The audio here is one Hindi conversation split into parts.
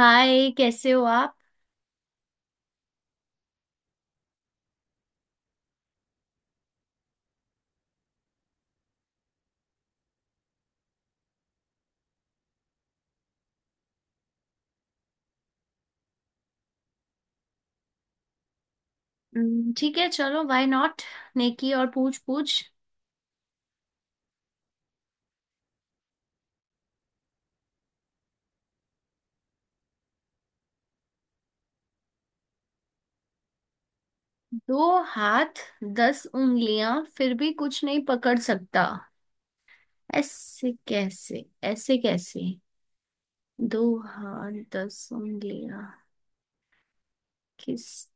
हाय, कैसे हो आप। ठीक है, चलो व्हाई नॉट। नेकी और पूछ पूछ। दो हाथ, दस उंगलियां, फिर भी कुछ नहीं पकड़ सकता। ऐसे कैसे? ऐसे कैसे? दो हाथ दस उंगलियां। किस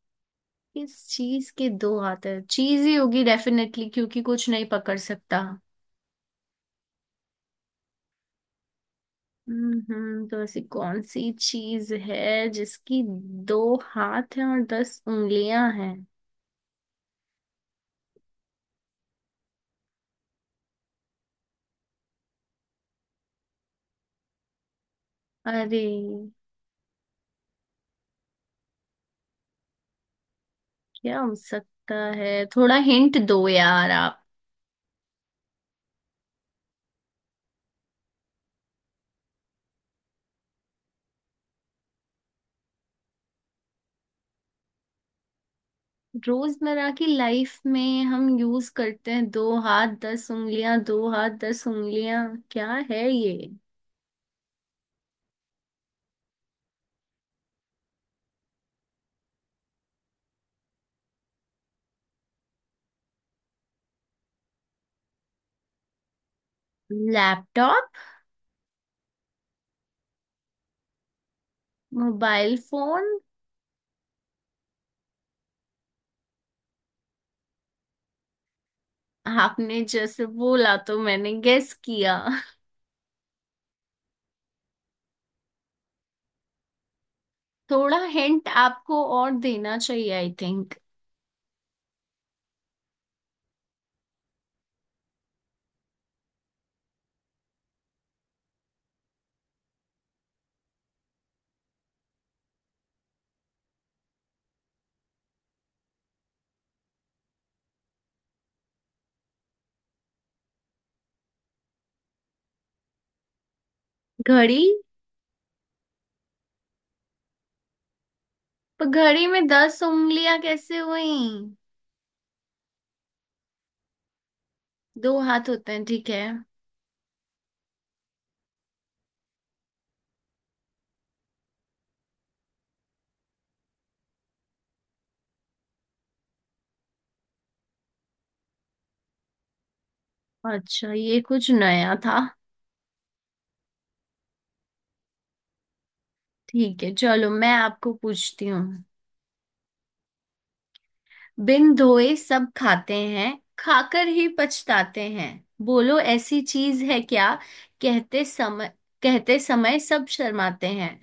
किस चीज के दो हाथ है? चीज ही होगी डेफिनेटली, क्योंकि कुछ नहीं पकड़ सकता। तो ऐसी कौन सी चीज है जिसकी दो हाथ हैं और दस उंगलियां हैं? अरे, क्या हो सकता है? थोड़ा हिंट दो यार आप। रोजमर्रा की लाइफ में हम यूज करते हैं? दो हाथ दस उंगलियां, दो हाथ दस उंगलियां, क्या है ये? लैपटॉप? Mobile phone? आपने जैसे बोला तो मैंने गेस किया। थोड़ा हिंट आपको और देना चाहिए आई थिंक। घड़ी। पर घड़ी में दस उंगलियां कैसे हुई? दो हाथ होते हैं ठीक है। अच्छा, ये कुछ नया था। ठीक है चलो, मैं आपको पूछती हूँ। बिन धोए सब खाते हैं, खाकर ही पछताते हैं। बोलो ऐसी चीज है क्या। कहते समय, कहते समय सब शर्माते हैं।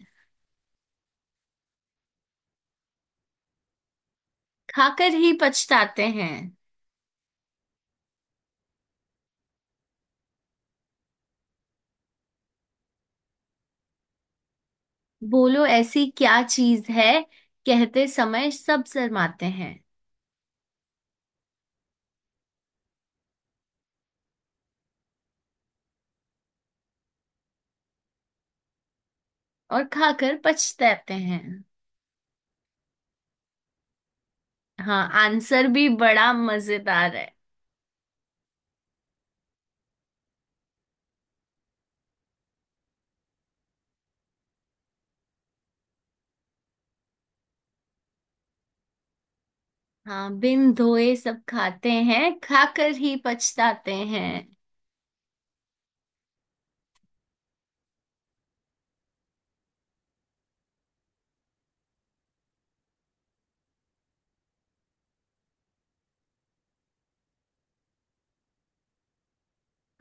खाकर ही पछताते हैं। बोलो ऐसी क्या चीज है। कहते समय सब शर्माते हैं। और खाकर पछताते हैं। हाँ, आंसर भी बड़ा मजेदार है। हाँ, बिन धोए सब खाते हैं, खाकर ही पछताते हैं।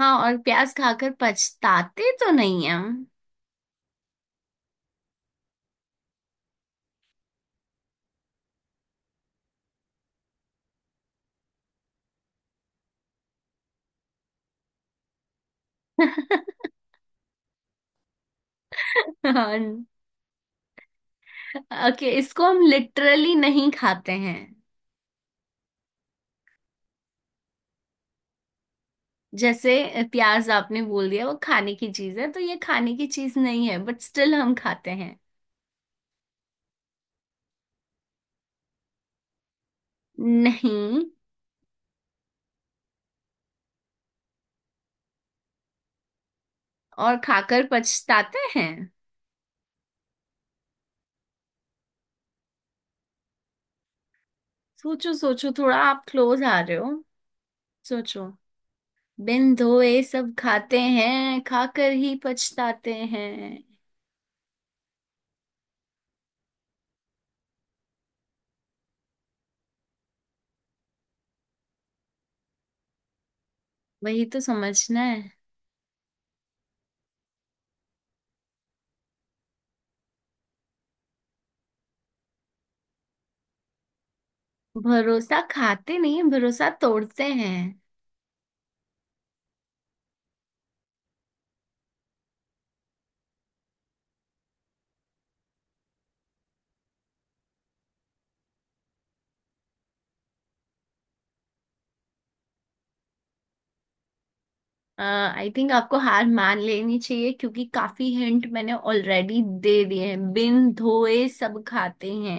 हाँ और प्याज खाकर पछताते तो नहीं हम। ओके, इसको हम लिटरली नहीं खाते हैं। जैसे प्याज आपने बोल दिया, वो खाने की चीज है, तो ये खाने की चीज नहीं है, बट स्टिल हम खाते हैं। नहीं। और खाकर पछताते हैं। सोचो सोचो, थोड़ा आप क्लोज आ रहे हो। सोचो। बिन धोए सब खाते हैं, खाकर ही पछताते हैं। वही तो समझना है। भरोसा खाते नहीं, भरोसा तोड़ते हैं। आई थिंक आपको हार मान लेनी चाहिए, क्योंकि काफी हिंट मैंने ऑलरेडी दे दिए हैं। बिन धोए सब खाते हैं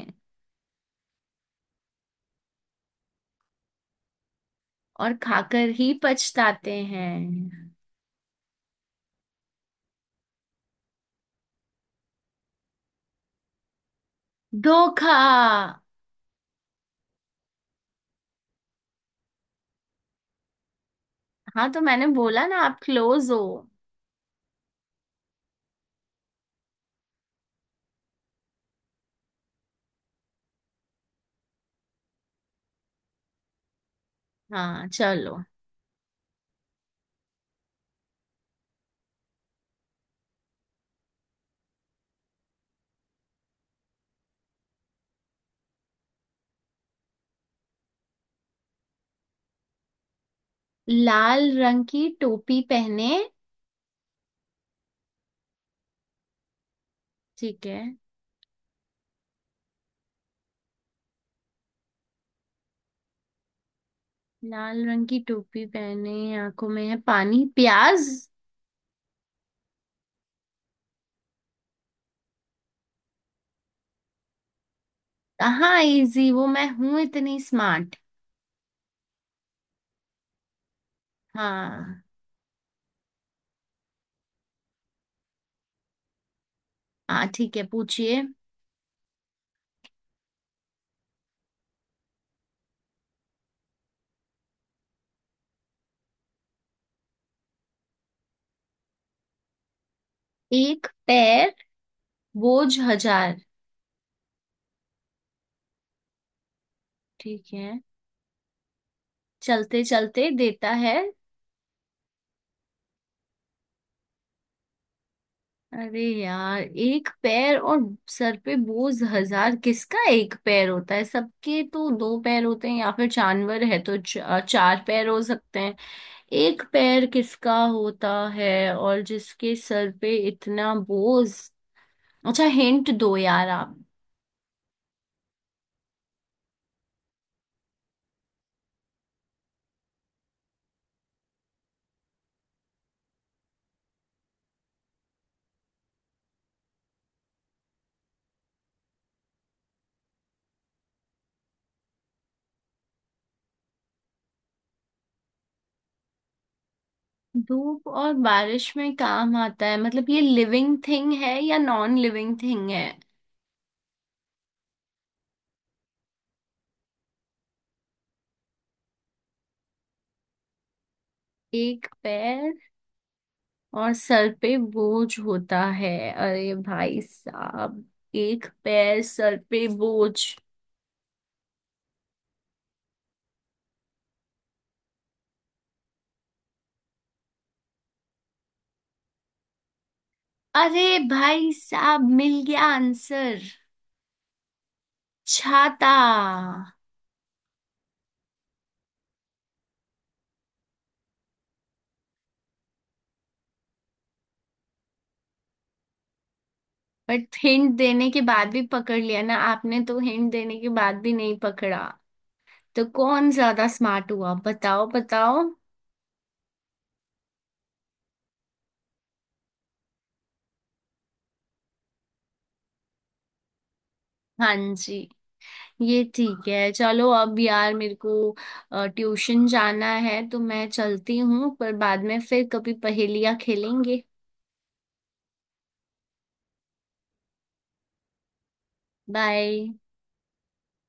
और खाकर ही पछताते हैं। धोखा। हाँ, तो मैंने बोला ना आप क्लोज हो। हाँ चलो। लाल रंग की टोपी पहने। ठीक है। लाल रंग की टोपी पहने, आंखों में है पानी, प्याज। हाँ, इजी वो मैं हूं इतनी स्मार्ट। हाँ। हाँ ठीक है, पूछिए। एक पैर, बोझ हजार। ठीक है। चलते चलते देता है। अरे यार, एक पैर और सर पे बोझ हजार। किसका एक पैर होता है? सबके तो दो पैर होते हैं, या फिर जानवर है तो चार पैर हो सकते हैं। एक पैर किसका होता है और जिसके सर पे इतना बोझ? अच्छा हिंट दो यार आप। धूप और बारिश में काम आता है, मतलब ये लिविंग थिंग है या नॉन लिविंग थिंग है? एक पैर और सर पे बोझ होता है, अरे भाई साहब। एक पैर, सर पे बोझ, अरे भाई साहब, मिल गया आंसर। छाता। बट हिंट देने के बाद भी पकड़ लिया ना आपने, तो हिंट देने के बाद भी नहीं पकड़ा, तो कौन ज्यादा स्मार्ट हुआ? बताओ बताओ। हाँ जी, ये ठीक है चलो। अब यार मेरे को ट्यूशन जाना है, तो मैं चलती हूँ, पर बाद में फिर कभी पहेलियाँ खेलेंगे। बाय।